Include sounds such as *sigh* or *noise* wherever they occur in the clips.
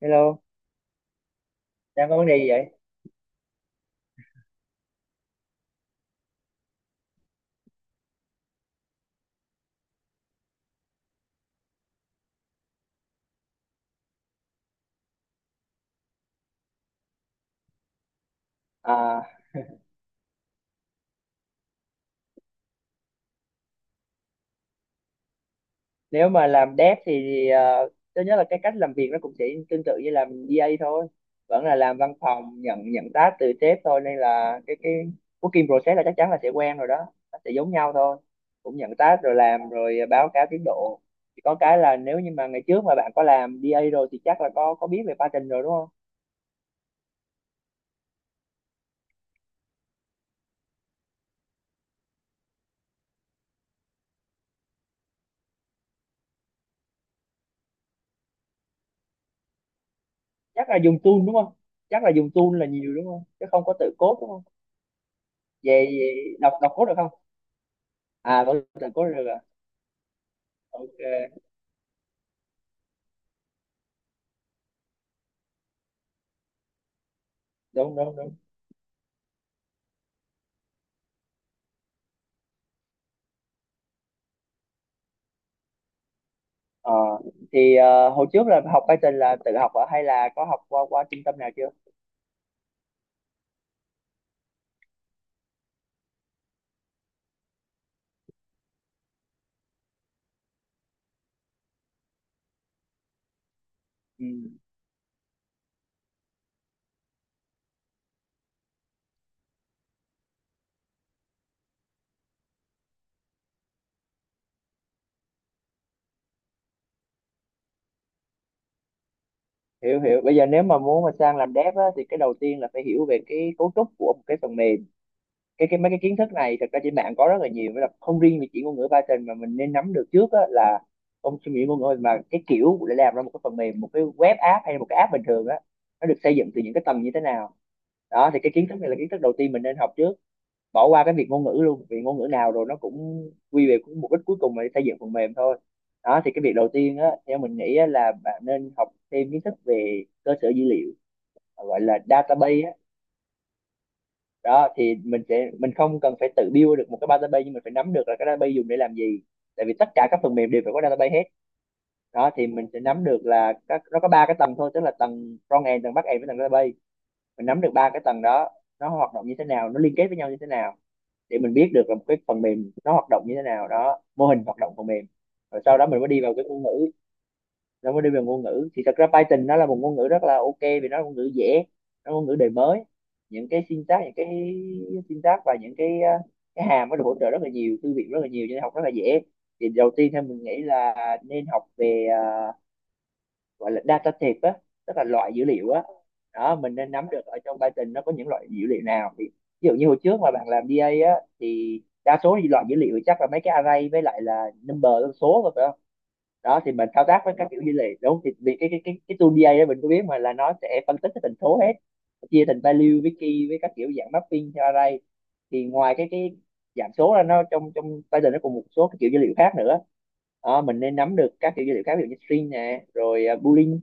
Hello, đang có vấn đề gì vậy? À, nếu mà làm dev thì thứ nhất là cái cách làm việc nó cũng sẽ tương tự như làm DA thôi, vẫn là làm văn phòng nhận nhận task từ sếp thôi, nên là cái working process là chắc chắn là sẽ quen rồi đó, nó sẽ giống nhau thôi, cũng nhận task rồi làm rồi báo cáo tiến độ. Chỉ có cái là nếu như mà ngày trước mà bạn có làm DA rồi thì chắc là có biết về pattern rồi đúng không? Chắc là dùng tool đúng không? Chắc là dùng tool là nhiều đúng không? Chứ không có tự code đúng không? Về đọc đọc code được không? À vẫn tự code được. Ok, đúng đúng đúng. Ờ thì hồi trước là học Python là tự học ở hay là có học qua qua trung tâm nào chưa? Ừ. Hiểu hiểu, bây giờ nếu mà muốn mà sang làm dev á, thì cái đầu tiên là phải hiểu về cái cấu trúc của một cái phần mềm. Cái mấy cái kiến thức này thật ra trên mạng có rất là nhiều, là không riêng về chỉ ngôn ngữ Python mà mình nên nắm được trước á, là không chỉ ngôn ngữ mà cái kiểu để làm ra một cái phần mềm, một cái web app hay là một cái app bình thường á, nó được xây dựng từ những cái tầng như thế nào. Đó thì cái kiến thức này là kiến thức đầu tiên mình nên học trước, bỏ qua cái việc ngôn ngữ luôn, vì ngôn ngữ nào rồi nó cũng quy về cũng mục đích cuối cùng là xây dựng phần mềm thôi. Đó thì cái việc đầu tiên á, theo mình nghĩ á, là bạn nên học thêm kiến thức về cơ sở dữ liệu, gọi là database á. Đó thì mình sẽ, mình không cần phải tự build được một cái database nhưng mình phải nắm được là cái database dùng để làm gì, tại vì tất cả các phần mềm đều phải có database hết. Đó thì mình sẽ nắm được là các, nó có ba cái tầng thôi, tức là tầng front end, tầng back end với tầng database. Mình nắm được ba cái tầng đó, nó hoạt động như thế nào, nó liên kết với nhau như thế nào, để mình biết được là một cái phần mềm nó hoạt động như thế nào, đó, mô hình hoạt động phần mềm. Rồi sau đó mình mới đi vào cái ngôn ngữ. Nó mới đi vào ngôn ngữ thì thật ra Python nó là một ngôn ngữ rất là ok, vì nó là ngôn ngữ dễ, nó là ngôn ngữ đời mới. Những cái syntax và những cái cái hàm, nó được hỗ trợ rất là nhiều, thư viện rất là nhiều, cho nên học rất là dễ. Thì đầu tiên theo mình nghĩ là nên học về gọi là data type á, tức là loại dữ liệu á. Đó, mình nên nắm được ở trong Python nó có những loại dữ liệu nào, thì ví dụ như hồi trước mà bạn làm DA á thì đa số thì loại dữ liệu chắc là mấy cái array với lại là number, con số rồi phải không? Đó thì mình thao tác với các kiểu dữ liệu đúng không? Thì vì cái tool DA đó mình có biết mà, là nó sẽ phân tích cái thành số hết, chia thành value với key với các kiểu dạng mapping theo array. Thì ngoài cái giảm số ra nó, trong trong Python nó còn một số cái kiểu dữ liệu khác nữa. Đó, mình nên nắm được các kiểu dữ liệu khác, ví dụ như string nè, rồi boolean,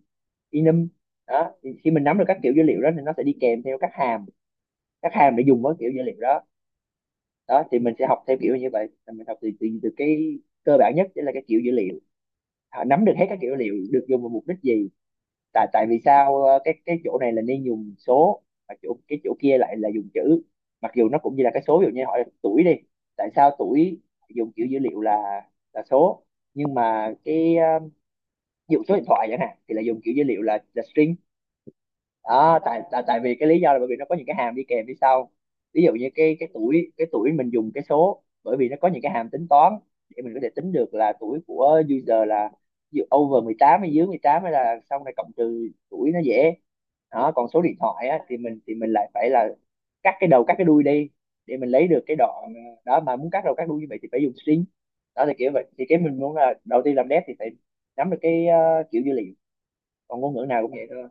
enum. Đó thì khi mình nắm được các kiểu dữ liệu đó thì nó sẽ đi kèm theo các hàm, các hàm để dùng với kiểu dữ liệu đó. Đó thì mình sẽ học theo kiểu như vậy, là mình học từ từ, từ cái cơ bản nhất chính là cái kiểu dữ liệu. À, nắm được hết các kiểu dữ liệu được dùng vào mục đích gì. Tại tại vì sao cái chỗ này là nên dùng số, mà chỗ cái chỗ kia lại là dùng chữ, mặc dù nó cũng như là cái số, ví dụ như hỏi tuổi đi, tại sao tuổi dùng kiểu dữ liệu là số, nhưng mà cái ví dụ số điện thoại chẳng hạn thì là dùng kiểu dữ liệu là string. Đó tại tại tại vì cái lý do là bởi vì nó có những cái hàm đi kèm phía sau. Ví dụ như cái tuổi mình dùng cái số, bởi vì nó có những cái hàm tính toán để mình có thể tính được là tuổi của user là ví dụ over 18 hay dưới 18 hay là xong này cộng trừ tuổi nó dễ. Đó còn số điện thoại á, thì mình, thì mình lại phải là cắt cái đầu cắt cái đuôi đi để mình lấy được cái đoạn đó, mà muốn cắt đầu cắt đuôi như vậy thì phải dùng string. Đó là kiểu vậy, thì cái mình muốn là đầu tiên làm dev thì phải nắm được cái kiểu dữ liệu, còn ngôn ngữ nào cũng vậy thôi.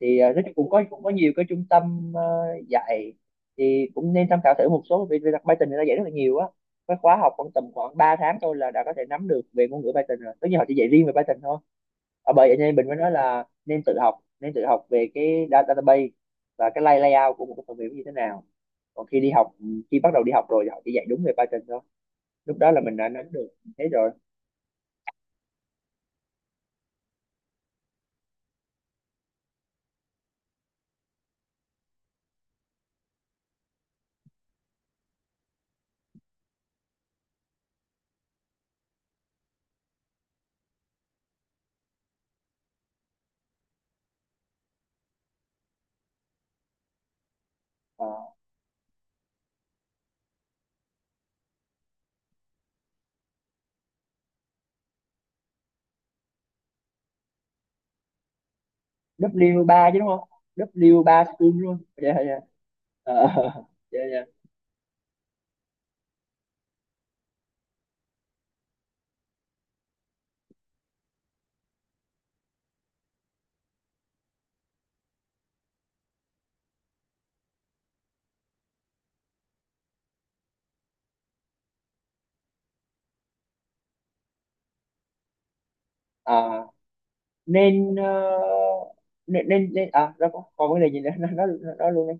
Thì nói chung cũng có nhiều cái trung tâm dạy, thì cũng nên tham khảo thử một số, vì đặc Python người ta dạy rất là nhiều á. Cái khóa học khoảng tầm khoảng 3 tháng thôi là đã có thể nắm được về ngôn ngữ Python rồi, tất nhiên họ chỉ dạy riêng về Python thôi. Và bởi vậy nên mình mới nói là nên tự học, nên tự học về cái database và cái layout của một cái phần mềm như thế nào. Còn khi đi học, ừ, khi bắt đầu đi học rồi thì họ chỉ dạy đúng về Python thôi, lúc đó là mình đã nắm được thế rồi. Ờ, W3 chứ đúng không? W3 school luôn, dạ dạ. Ờ, *laughs* dạ dạ. Ờ, ờ, nên nên, nên à nó có còn vấn đề gì nữa *laughs* nó luôn đi.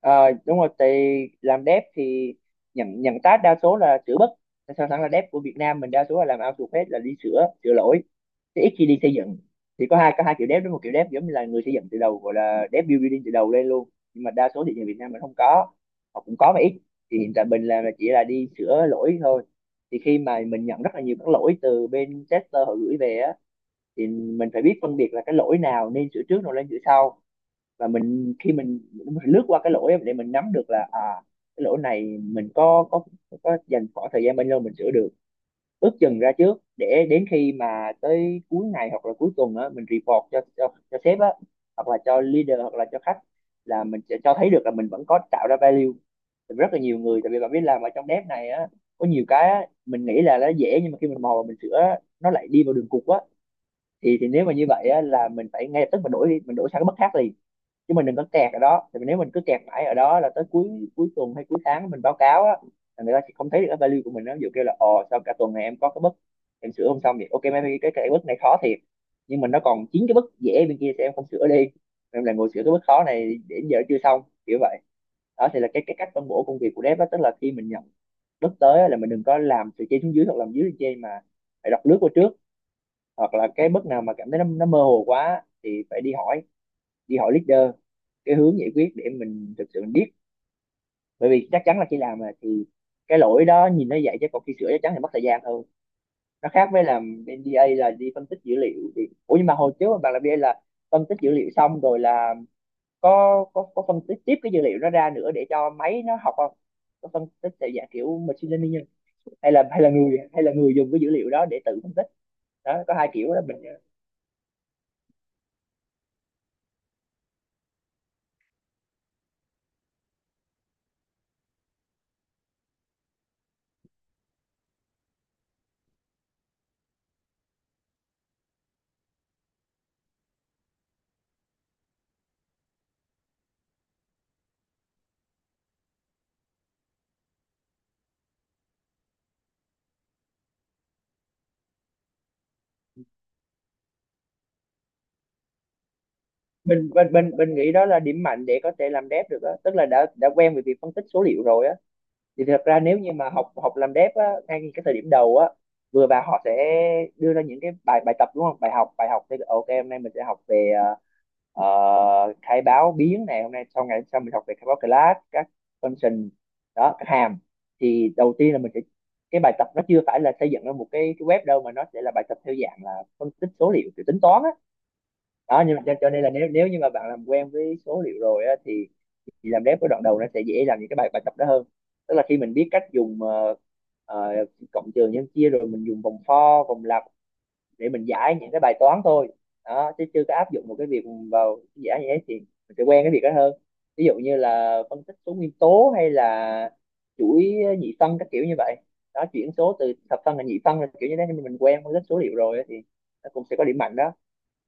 Ờ, đúng rồi, thì làm dev thì nhận nhận task đa số là sửa bất, sao thẳng là dev của Việt Nam mình đa số là làm outsource hết, là đi sửa sửa lỗi thì ít khi đi xây dựng. Thì có hai kiểu dev đó, một kiểu dev giống như là người xây dựng từ đầu, gọi là dev building từ đầu lên luôn, nhưng mà đa số thị trường Việt Nam mình không có, hoặc cũng có mà ít. Thì hiện tại mình làm là chỉ là đi sửa lỗi thôi. Thì khi mà mình nhận rất là nhiều các lỗi từ bên tester họ gửi về á, thì mình phải biết phân biệt là cái lỗi nào nên sửa trước rồi lên sửa sau. Và mình khi mình lướt qua cái lỗi để mình nắm được là à, cái lỗi này mình có dành khoảng thời gian bao lâu mình sửa được, ước chừng ra trước để đến khi mà tới cuối ngày hoặc là cuối tuần á mình report cho sếp á, hoặc là cho leader hoặc là cho khách, là mình sẽ cho thấy được là mình vẫn có tạo ra value. Thì rất là nhiều người, tại vì bạn biết làm ở trong dev này á, có nhiều cái á, mình nghĩ là nó dễ nhưng mà khi mình mò và mình sửa á, nó lại đi vào đường cụt á. Thì nếu mà như vậy á, là mình phải ngay lập tức mình đổi đi, mình đổi sang cái bất khác liền, chứ mình đừng có kẹt ở đó. Thì nếu mình cứ kẹt mãi ở đó là tới cuối cuối tuần hay cuối tháng mình báo cáo á, là người ta sẽ không thấy được cái value của mình. Nó ví dụ kêu là ồ sao cả tuần này em có cái bức em sửa không xong vậy, ok mấy cái bất này khó thiệt nhưng mà nó còn chín cái bức dễ bên kia thì em không sửa đi, em là ngồi sửa cái bức khó này đến giờ chưa xong, kiểu vậy. Đó thì là cái cách phân bổ công việc của dev đó, tức là khi mình nhận bức tới á, là mình đừng có làm từ trên xuống dưới hoặc làm dưới lên trên, mà phải đọc lướt qua trước, hoặc là cái bước nào mà cảm thấy nó mơ hồ quá thì phải đi hỏi, leader cái hướng giải quyết để mình thực sự mình biết. Bởi vì chắc chắn là khi làm mà thì cái lỗi đó nhìn nó vậy, chứ còn khi sửa chắc chắn thì mất thời gian hơn. Nó khác với làm bên DA là đi phân tích dữ liệu. Thì ủa, nhưng mà hồi trước bạn làm DA là phân tích dữ liệu xong rồi là có phân tích tiếp cái dữ liệu đó ra nữa để cho máy nó học không? Có phân tích theo dạng kiểu machine learning, hay là người dùng cái dữ liệu đó để tự phân tích? Đó có hai kiểu đó Mình nghĩ đó là điểm mạnh để có thể làm dev được đó. Tức là đã quen với việc phân tích số liệu rồi á, thì thật ra nếu như mà học học làm dev á, ngay cái thời điểm đầu á vừa vào họ sẽ đưa ra những cái bài bài tập, đúng không? Bài học thì ok, hôm nay mình sẽ học về ờ, khai báo biến, này hôm nay sau, ngày sau mình học về khai báo class, các function, đó các hàm. Thì đầu tiên là mình sẽ, cái bài tập nó chưa phải là xây dựng ra một cái web đâu, mà nó sẽ là bài tập theo dạng là phân tích số liệu kiểu tính toán á. Đó nhưng mà cho nên là nếu nếu như mà bạn làm quen với số liệu rồi á, thì làm dev cái đoạn đầu nó sẽ dễ làm những cái bài bài tập đó hơn. Tức là khi mình biết cách dùng ờ, cộng trừ nhân chia, rồi mình dùng vòng for, vòng lặp để mình giải những cái bài toán thôi. Đó chứ chưa có áp dụng một cái việc vào giải như thế, thì mình sẽ quen cái việc đó hơn. Ví dụ như là phân tích số nguyên tố hay là chuỗi nhị phân các kiểu như vậy. Đó, chuyển số từ thập phân thành nhị phân là kiểu như thế, nhưng mà mình quen phân tích số liệu rồi á, thì nó cũng sẽ có điểm mạnh đó,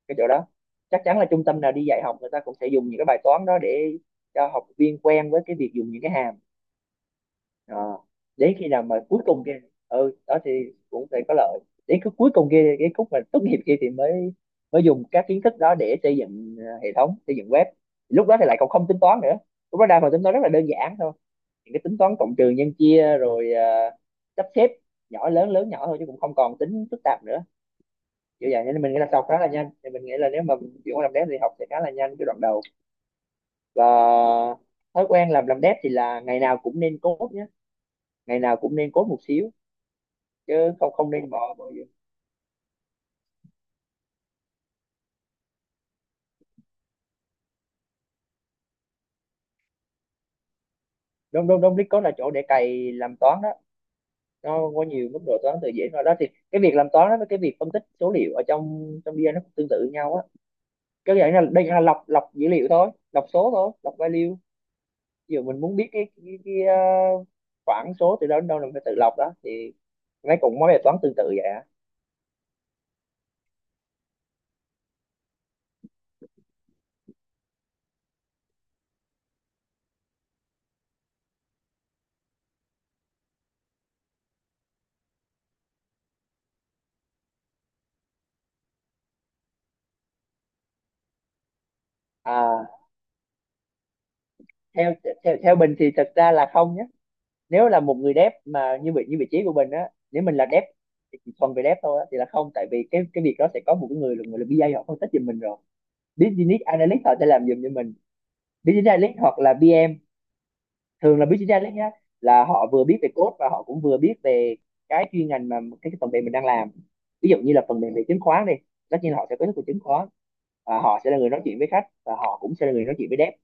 cái chỗ đó. Chắc chắn là trung tâm nào đi dạy học người ta cũng sẽ dùng những cái bài toán đó để cho học viên quen với cái việc dùng những cái hàm. Ờ. Đến khi nào mà cuối cùng kia, ừ đó thì cũng sẽ có lợi. Đến cái cuối cùng kia, cái khúc mà tốt nghiệp kia, thì mới mới dùng các kiến thức đó để xây dựng hệ thống, xây dựng web. Lúc đó thì lại còn không tính toán nữa, lúc đó đa phần tính toán rất là đơn giản thôi, những cái tính toán cộng trừ nhân chia rồi sắp xếp nhỏ lớn lớn nhỏ thôi, chứ cũng không còn tính phức tạp nữa. Kiểu vậy nên mình nghĩ là sau khá là nhanh, thì mình nghĩ là nếu mà mình chuyển qua làm dev thì học sẽ khá là nhanh cái đoạn đầu. Và thói quen làm dev thì là ngày nào cũng nên code nhé, ngày nào cũng nên code một xíu, chứ không, không nên bỏ bỏ gì. Đúng đúng đúng, Discord là chỗ để cày làm toán đó. Nó có nhiều mức độ toán từ dễ vào đó, thì cái việc làm toán đó với cái việc phân tích số liệu ở trong trong BI nó cũng tương tự nhau á. Cái dạng là đây là lọc lọc dữ liệu thôi, lọc số thôi, lọc value. Ví dụ mình muốn biết cái khoảng số từ đó đến đâu là mình phải tự lọc. Đó thì mấy cũng mấy bài toán tương tự vậy. À, theo theo theo Bình thì thật ra là không nhé. Nếu là một người dev mà như vị trí của Bình á, nếu mình là dev thì chỉ thuần về dev thôi á, thì là không, tại vì cái việc đó sẽ có một cái người là, người là BA họ phân tích giùm mình rồi. Business analyst họ sẽ làm giùm cho mình. Business analyst hoặc là BM, thường là business analyst nhá, là họ vừa biết về code và họ cũng vừa biết về cái chuyên ngành mà cái phần mềm mình đang làm. Ví dụ như là phần mềm về chứng khoán đi, tất nhiên là họ sẽ có thức về chứng khoán. Và họ sẽ là người nói chuyện với khách và họ cũng sẽ là người nói chuyện với dev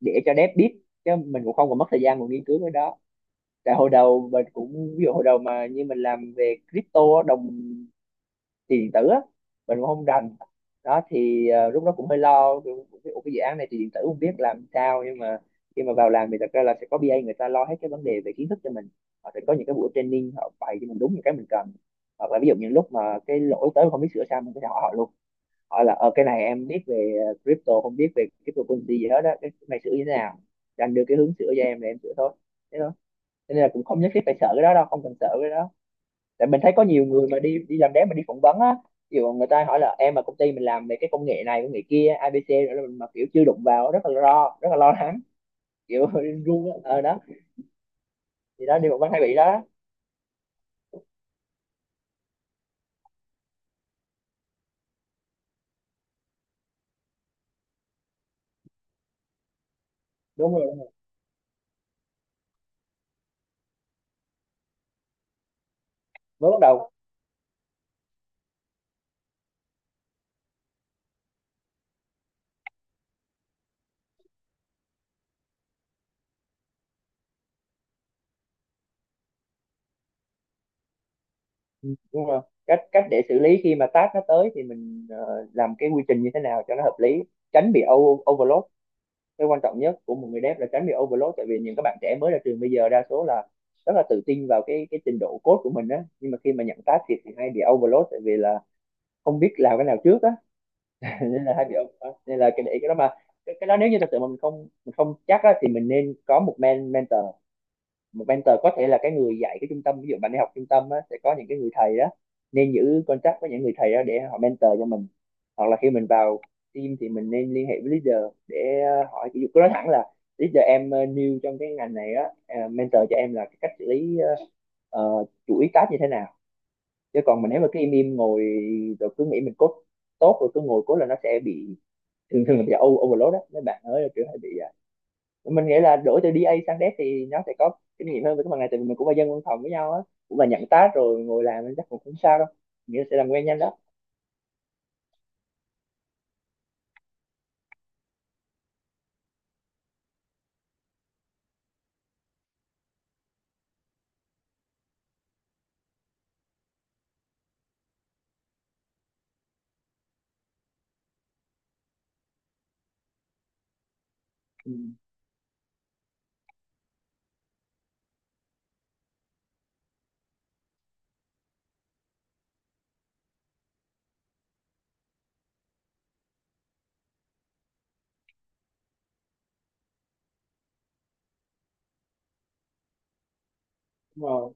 để cho dev biết, chứ mình cũng không còn mất thời gian còn nghiên cứu cái đó. Tại hồi đầu mình cũng, ví dụ hồi đầu mà như mình làm về crypto á, đồng tiền điện tử á, mình cũng không rành. Đó thì lúc đó cũng hơi lo kiểu, cái, "Ủa, cái dự án này thì điện tử không biết làm sao." Nhưng mà khi mà vào làm thì thật ra là sẽ có BA người ta lo hết cái vấn đề về kiến thức cho mình. Họ sẽ có những cái buổi training, họ bày cho mình đúng những cái mình cần. Hoặc là ví dụ những lúc mà cái lỗi tới mà không biết sửa sao, mình có thể hỏi họ luôn. Hỏi là ờ cái này em biết về crypto, không biết về cryptocurrency gì hết đó, cái này sửa như thế nào, thì anh đưa cái hướng sửa cho em là em sửa thôi. Thế thôi. Cho nên là cũng không nhất thiết phải sợ cái đó đâu, không cần sợ cái đó. Tại mình thấy có nhiều người mà đi đi làm đếm mà đi phỏng vấn á, ví dụ người ta hỏi là em mà công ty mình làm về cái công nghệ này công nghệ kia ABC, rồi mình mà kiểu chưa đụng vào, rất là lo, rất là lo lắng, kiểu *laughs* run á. Ờ đó, thì đó đi phỏng vấn hay bị đó. Đúng rồi, mới bắt đầu. Ừ, đúng rồi, cách cách để xử lý khi mà task nó tới thì mình làm cái quy trình như thế nào cho nó hợp lý, tránh bị overload. Cái quan trọng nhất của một người dev là tránh bị overload, tại vì những các bạn trẻ mới ra trường bây giờ đa số là rất là tự tin vào cái trình độ code của mình á, nhưng mà khi mà nhận task thì hay bị overload, tại vì là không biết làm cái nào trước á. *laughs* Nên là hay bị nên là cái để cái đó mà cái đó nếu như thật sự mà mình không, mình không chắc á, thì mình nên có một mentor. Một mentor có thể là cái người dạy cái trung tâm, ví dụ bạn đi học trung tâm á, sẽ có những cái người thầy đó. Nên giữ contact với những người thầy đó để họ mentor cho mình. Hoặc là khi mình vào team thì mình nên liên hệ với leader để hỏi. Ví dụ cứ nói thẳng là leader em new trong cái ngành này á, mentor cho em là cái cách xử lý chuỗi task như thế nào. Chứ còn mình nếu mà cứ im im ngồi rồi cứ nghĩ mình code tốt rồi cứ ngồi code là nó sẽ bị, thường thường là bị overload đó mấy bạn ơi, kiểu hay bị mình nghĩ là đổi từ DA sang Dev thì nó sẽ có kinh nghiệm hơn với các bạn này, tại vì mình cũng là dân văn phòng với nhau á, cũng là nhận task rồi ngồi làm nên chắc cũng không sao đâu, nghĩa là sẽ làm quen nhanh đó. Ừ. Đúng rồi.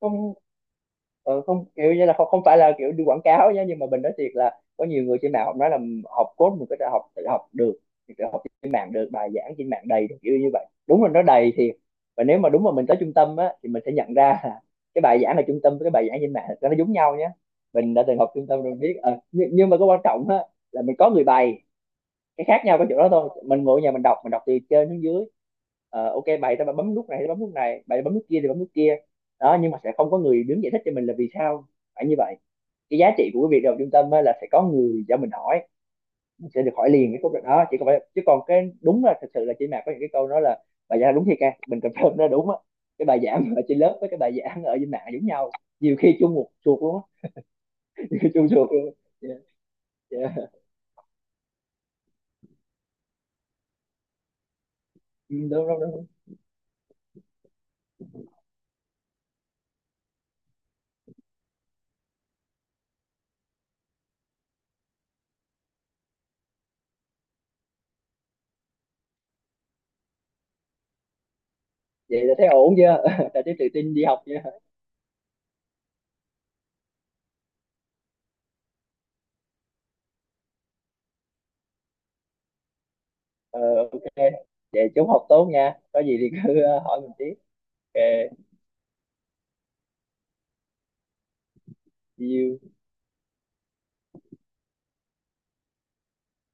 Không. Ờ, không kiểu như là không, không phải là kiểu đi quảng cáo nhé, nhưng mà mình nói thiệt là có nhiều người trên mạng họ nói là học code mình có thể tự học được, thì tự học trên mạng được, bài giảng trên mạng đầy kiểu như vậy, đúng là nó đầy thiệt. Và nếu mà đúng mà mình tới trung tâm á, thì mình sẽ nhận ra là cái bài giảng ở trung tâm với cái bài giảng trên mạng nó giống nhau nhé. Mình đã từng học trung tâm rồi biết. Ờ, nhưng mà cái quan trọng á là mình có người bày. Cái khác nhau có chỗ đó thôi, mình ngồi ở nhà mình đọc, mình đọc từ trên xuống dưới. Ờ, ok, bài tao bấm nút này thì bấm nút này, bài bấm nút kia thì bấm nút kia. Đó nhưng mà sẽ không có người đứng giải thích cho mình là vì sao phải như vậy. Cái giá trị của cái việc đầu trung tâm á là sẽ có người cho mình hỏi. Mình sẽ được hỏi liền cái câu đó, chỉ còn phải chứ còn cái đúng là thật sự là trên mà có những cái câu nói là bài giảng đúng thiệt, ca mình confirm nó đúng á. Cái bài giảng ở trên lớp với cái bài giảng ở trên mạng giống nhau, nhiều khi chung một chuột luôn á. *laughs* Nhiều khi chung chuột luôn. Yeah, yeah. Ừ, đúng đúng đúng, vậy là thấy ổn chưa, *laughs* là thấy tự tin đi học chưa? Ờ, ok. Vậy chúc học tốt nha. Có gì thì cứ hỏi mình tiếp. Ok. See you.